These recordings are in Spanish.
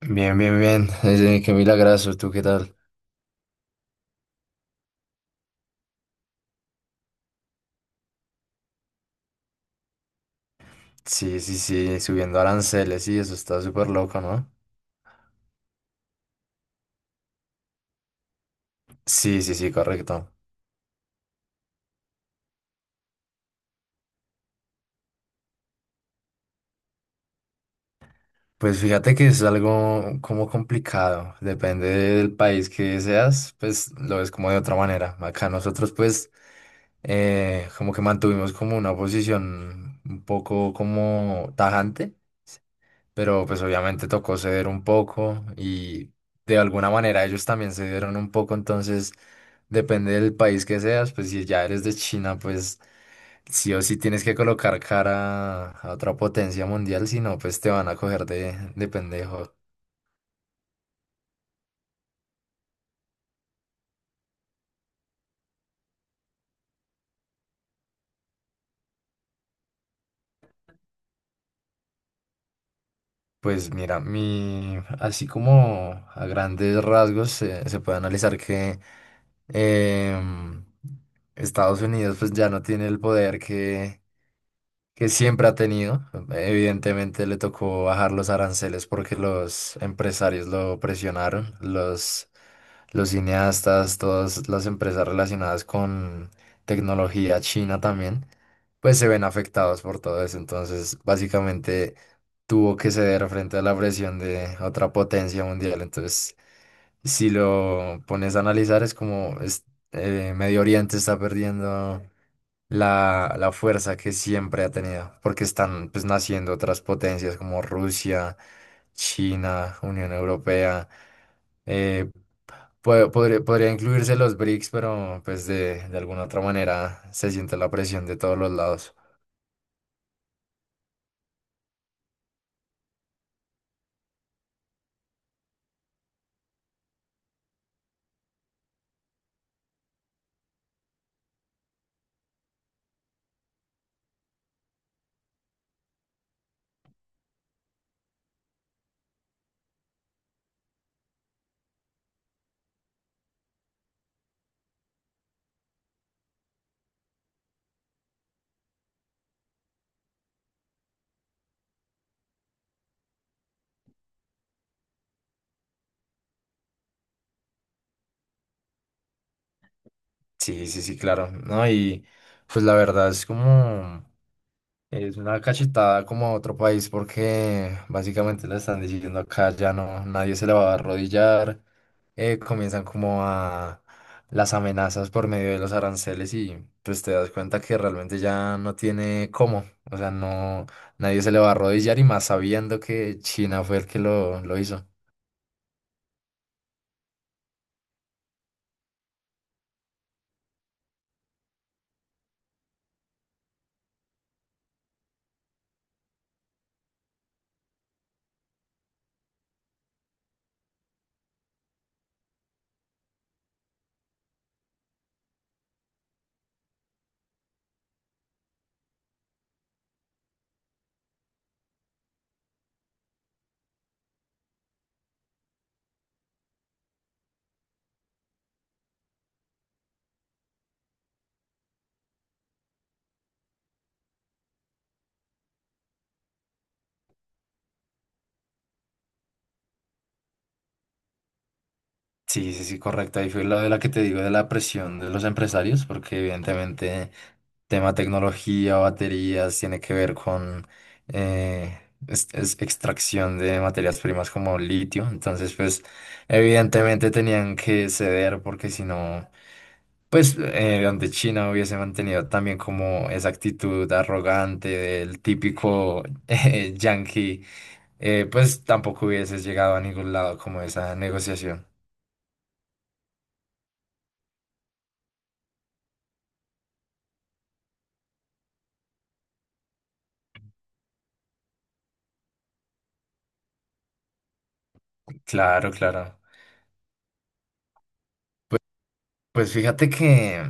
Bien, bien, bien. Qué milagroso, ¿tú qué tal? Sí, sí, sí, subiendo aranceles, sí, eso está súper loco, ¿no? Sí, sí, sí, correcto. Pues fíjate que es algo como complicado, depende del país que seas, pues lo ves como de otra manera. Acá nosotros pues como que mantuvimos como una posición un poco como tajante, pero pues obviamente tocó ceder un poco y de alguna manera ellos también cedieron un poco, entonces... Depende del país que seas, pues si ya eres de China, pues sí o sí tienes que colocar cara a otra potencia mundial, si no, pues te van a coger de pendejo. Pues mira, así como a grandes rasgos se puede analizar que em, Estados Unidos pues ya no tiene el poder que siempre ha tenido. Evidentemente le tocó bajar los aranceles porque los empresarios lo presionaron, los cineastas, todas las empresas relacionadas con tecnología china también, pues se ven afectados por todo eso. Entonces, básicamente tuvo que ceder frente a la presión de otra potencia mundial. Entonces, si lo pones a analizar, es como Medio Oriente está perdiendo la fuerza que siempre ha tenido, porque están pues naciendo otras potencias como Rusia, China, Unión Europea. Eh, Pod- Podría, podría incluirse los BRICS, pero pues de alguna otra manera se siente la presión de todos los lados. Sí, sí, sí, claro. No, y pues la verdad es como es una cachetada como a otro país porque básicamente le están diciendo acá ya no, nadie se le va a arrodillar, comienzan como a las amenazas por medio de los aranceles y pues te das cuenta que realmente ya no tiene cómo, o sea, no, nadie se le va a arrodillar y más sabiendo que China fue el que lo hizo. Sí, sí, sí, correcto. Ahí fue lo de la que te digo de la presión de los empresarios, porque evidentemente tema tecnología, baterías, tiene que ver con eh, es extracción de materias primas como litio. Entonces, pues, evidentemente tenían que ceder porque si no, pues, donde China hubiese mantenido también como esa actitud arrogante del típico yankee, pues tampoco hubiese llegado a ningún lado como esa negociación. Claro, claro. Pues fíjate que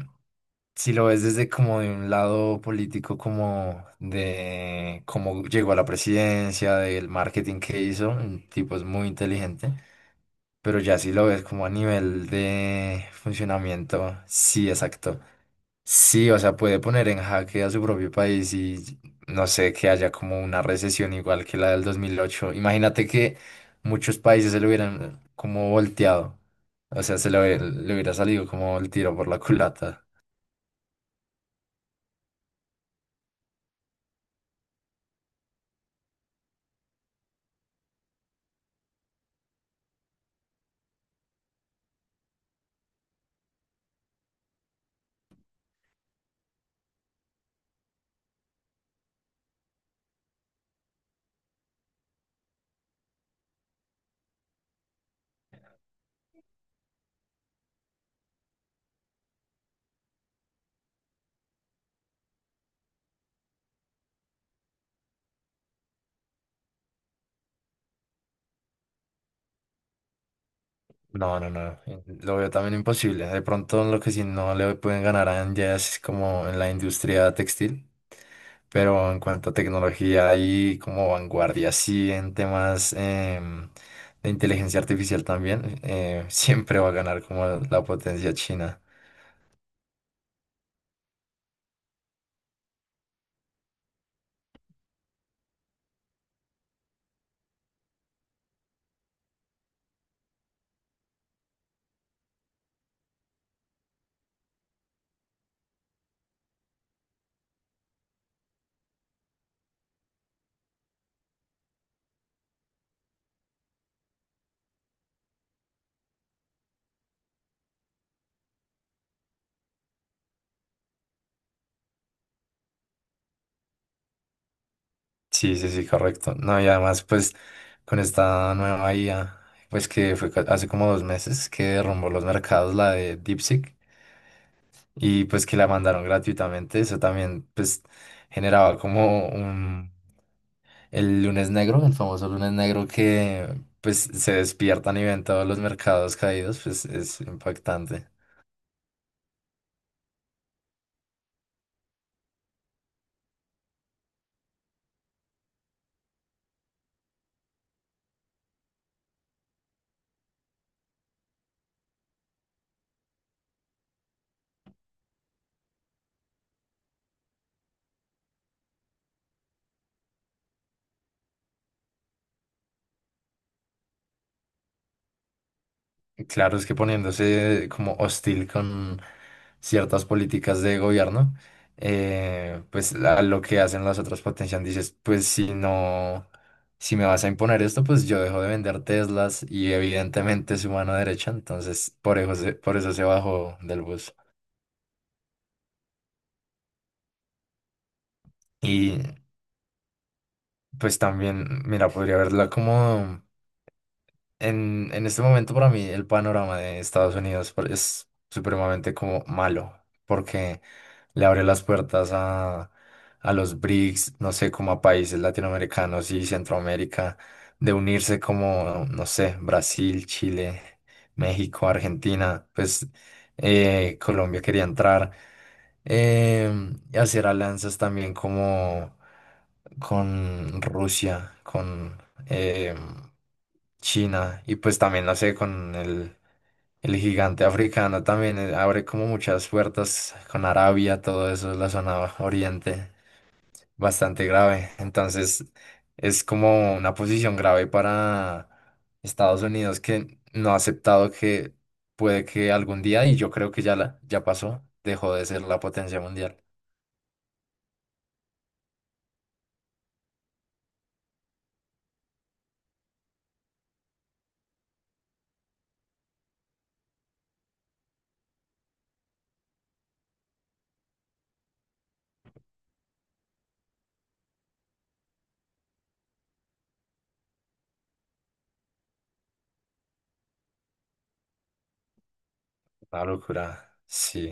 si lo ves desde como de un lado político, como de cómo llegó a la presidencia, del marketing que hizo, un tipo es muy inteligente, pero ya si lo ves como a nivel de funcionamiento, sí, exacto. Sí, o sea, puede poner en jaque a su propio país y no sé, que haya como una recesión igual que la del 2008. Imagínate que muchos países se lo hubieran como volteado, o sea, le hubiera salido como el tiro por la culata. No, no, no, lo veo también imposible. De pronto lo que sí no le pueden ganar a ya es como en la industria textil, pero en cuanto a tecnología y como vanguardia, sí, en temas de inteligencia artificial también, siempre va a ganar como la potencia china. Sí, sí, sí, correcto. No, y además, pues, con esta nueva IA, pues que fue hace como 2 meses que derrumbó los mercados, la de DeepSeek, y pues que la mandaron gratuitamente, eso también pues generaba como el lunes negro, el famoso lunes negro que pues se despiertan y ven todos los mercados caídos, pues es impactante. Claro, es que poniéndose como hostil con ciertas políticas de gobierno, pues a lo que hacen las otras potencias, dices, pues si no, si me vas a imponer esto, pues yo dejo de vender Teslas y evidentemente es su mano derecha, entonces por eso se bajó del bus. Y pues también, mira, podría verla como... En este momento para mí el panorama de Estados Unidos es supremamente como malo, porque le abre las puertas a los BRICS, no sé, como a países latinoamericanos y Centroamérica, de unirse como, no sé, Brasil, Chile, México, Argentina, pues Colombia quería entrar, y hacer alianzas también como con Rusia, em, China y pues también, no sé, con el gigante africano también abre como muchas puertas con Arabia, todo eso, la zona oriente, bastante grave. Entonces es como una posición grave para Estados Unidos que no ha aceptado que puede que algún día, y yo creo que ya, ya pasó, dejó de ser la potencia mundial. Una locura, sí.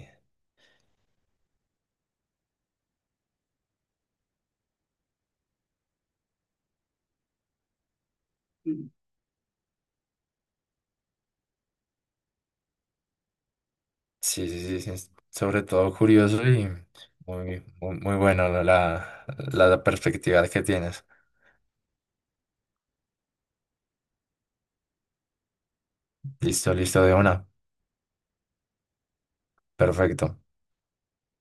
Sí, sí, sí, sí, es sobre todo curioso y muy, muy, muy bueno la, la perspectiva que tienes. Listo, listo de una. Perfecto.